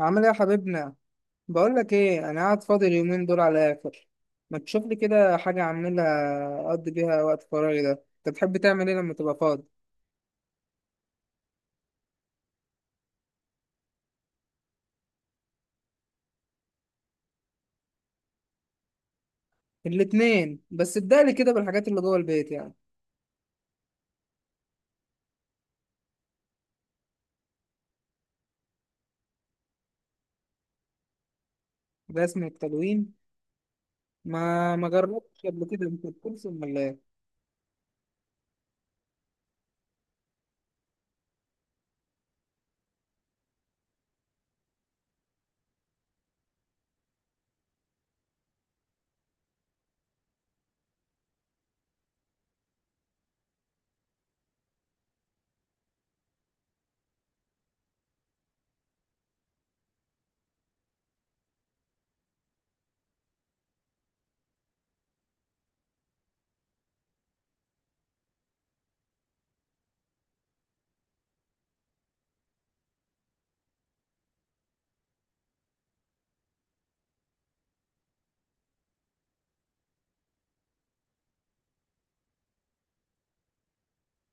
عامل ايه يا حبيبنا؟ بقول لك ايه، انا قاعد فاضي اليومين دول على الاخر. ما تشوف لي كده حاجه اعملها اقضي بيها وقت فراغي. ده انت بتحب تعمل ايه لما تبقى فاضي؟ الاتنين، بس ابدأ لي كده بالحاجات اللي جوه البيت يعني. رسم التلوين؟ ما جربتش قبل كده. انت بترسم ولا ايه؟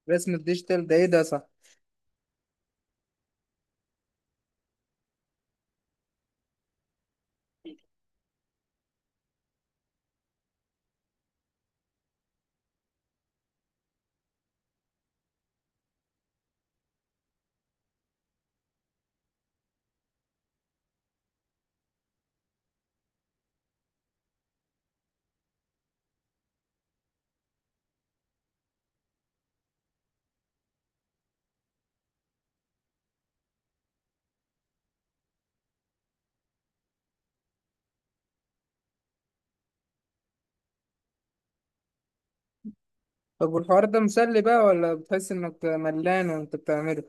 رسم الديجيتال ده ايه ده؟ صح. طب والحوار ده مسلي بقى ولا بتحس انك ملان وانت بتعمله؟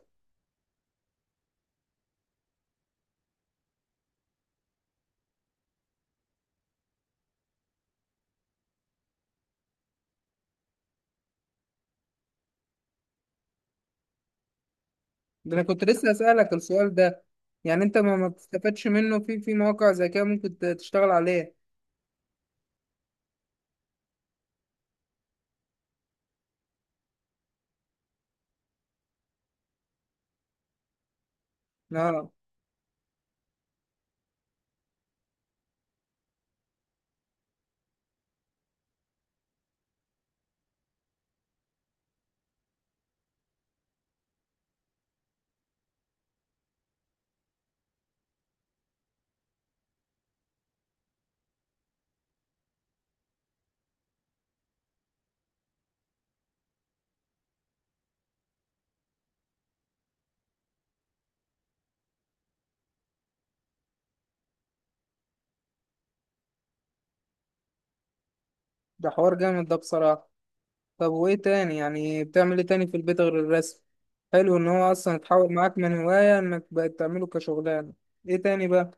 ده انا كنت لسه اسالك السؤال ده. يعني انت ما بتستفادش منه في مواقع زي كده ممكن تشتغل عليها؟ اه. ده حوار جامد ده بصراحة. طب وإيه تاني؟ يعني بتعمل إيه تاني في البيت غير الرسم؟ حلو إن هو أصلا اتحول معاك من هواية إنك بقت تعمله كشغلانة. إيه تاني بقى؟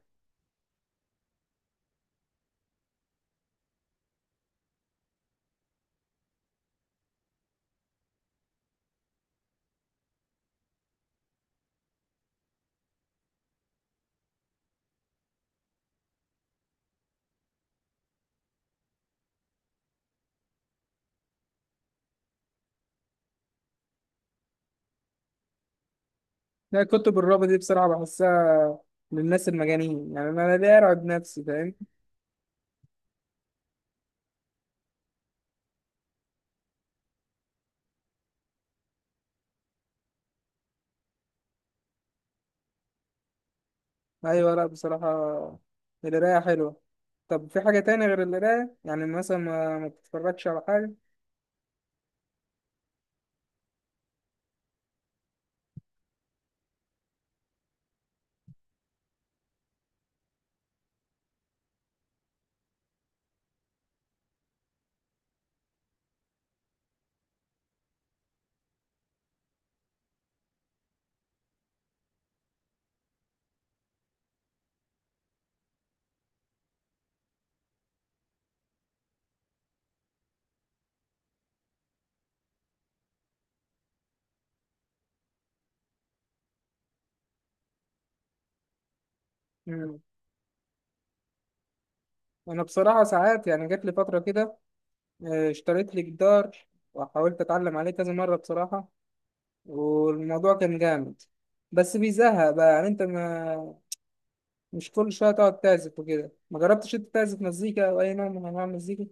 لا، كتب الرابط دي بصراحة بحسها للناس المجانين. يعني أنا ليه أرعب نفسي؟ فاهم؟ أيوة. لأ بصراحة القراية حلوة. طب في حاجة تاني غير القراية؟ يعني مثلا ما بتتفرجش على حاجة؟ مم. أنا بصراحة ساعات يعني جات لي فترة كده، اشتريت لي جدار وحاولت أتعلم عليه كذا مرة بصراحة. والموضوع كان جامد، بس بيزهق بقى. يعني انت ما مش كل شويه تقعد تعزف وكده. ما جربتش انت تعزف مزيكا او اي نوع من انواع المزيكا؟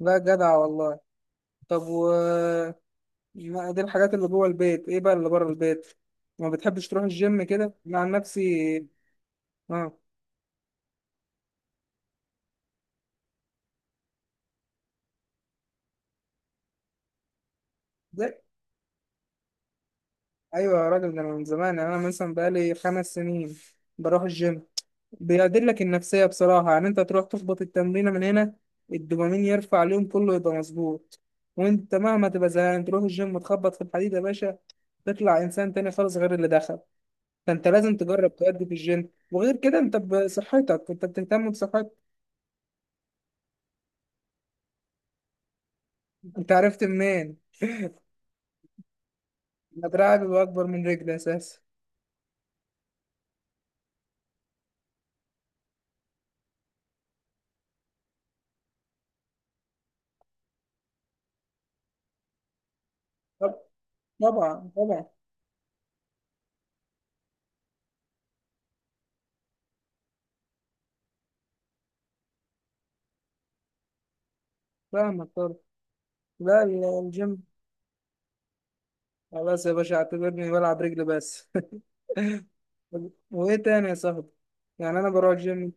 لا جدع والله. طب و دي الحاجات اللي جوه البيت، ايه بقى اللي بره البيت؟ ما بتحبش تروح الجيم كده مع نفسي؟ اه. ده ايوه يا راجل، ده انا من زمان. يعني انا مثلا بقالي 5 سنين بروح الجيم. بيعدلك النفسية بصراحة. يعني أنت تروح تخبط التمرينة من هنا، الدوبامين يرفع، اليوم كله يبقى مظبوط. وأنت مهما تبقى زهقان تروح الجيم تخبط في الحديد يا باشا، تطلع إنسان تاني خالص غير اللي دخل. فأنت لازم تجرب تأدي في الجيم، وغير كده أنت بصحتك، أنت بتهتم بصحتك. أنت عرفت منين؟ أنا دراعي بيبقى أكبر من رجلي أساسا. طب- طبعا طبعا. فاهمك طبعا. لا الجيم. خلاص يا باشا، اعتبرني بلعب رجل بس. وإيه تاني يا صاحبي؟ يعني أنا بروح الجيم.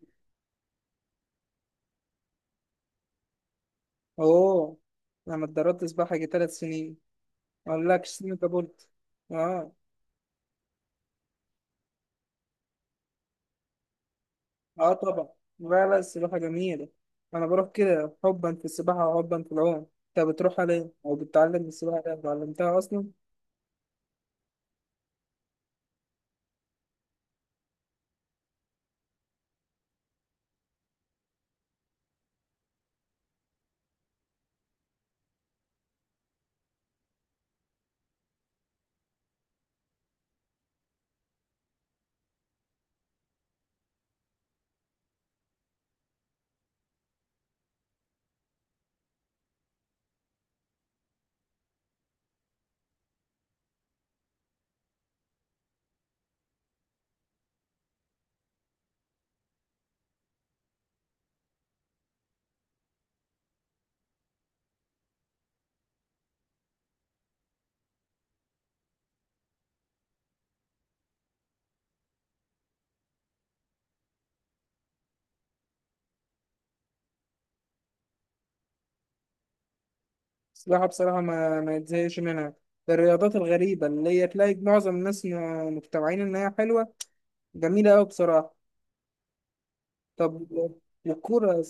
اوه، انا اتدربت سباحه جي 3 سنين. ما اقولكش سنين كبرت. اه. اه طبعا. لا لا، السباحه جميله. انا بروح كده حبا في السباحه وحبا في العوم. انت بتروح عليه او بتتعلم السباحه؟ ده اتعلمتها اصلا. السباحه بصراحه ما يتزهقش منها. ده الرياضات الغريبه اللي هي تلاقي معظم الناس مجتمعين انها حلوه، جميله قوي بصراحه. طب والكوره؟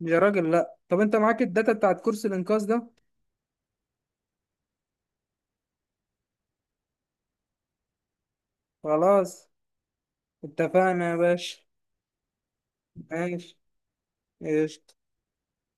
يا راجل لا، طب انت معاك الداتا بتاعت كرسي الانقاذ ده؟ خلاص اتفقنا يا باشا. ماشي. ايش.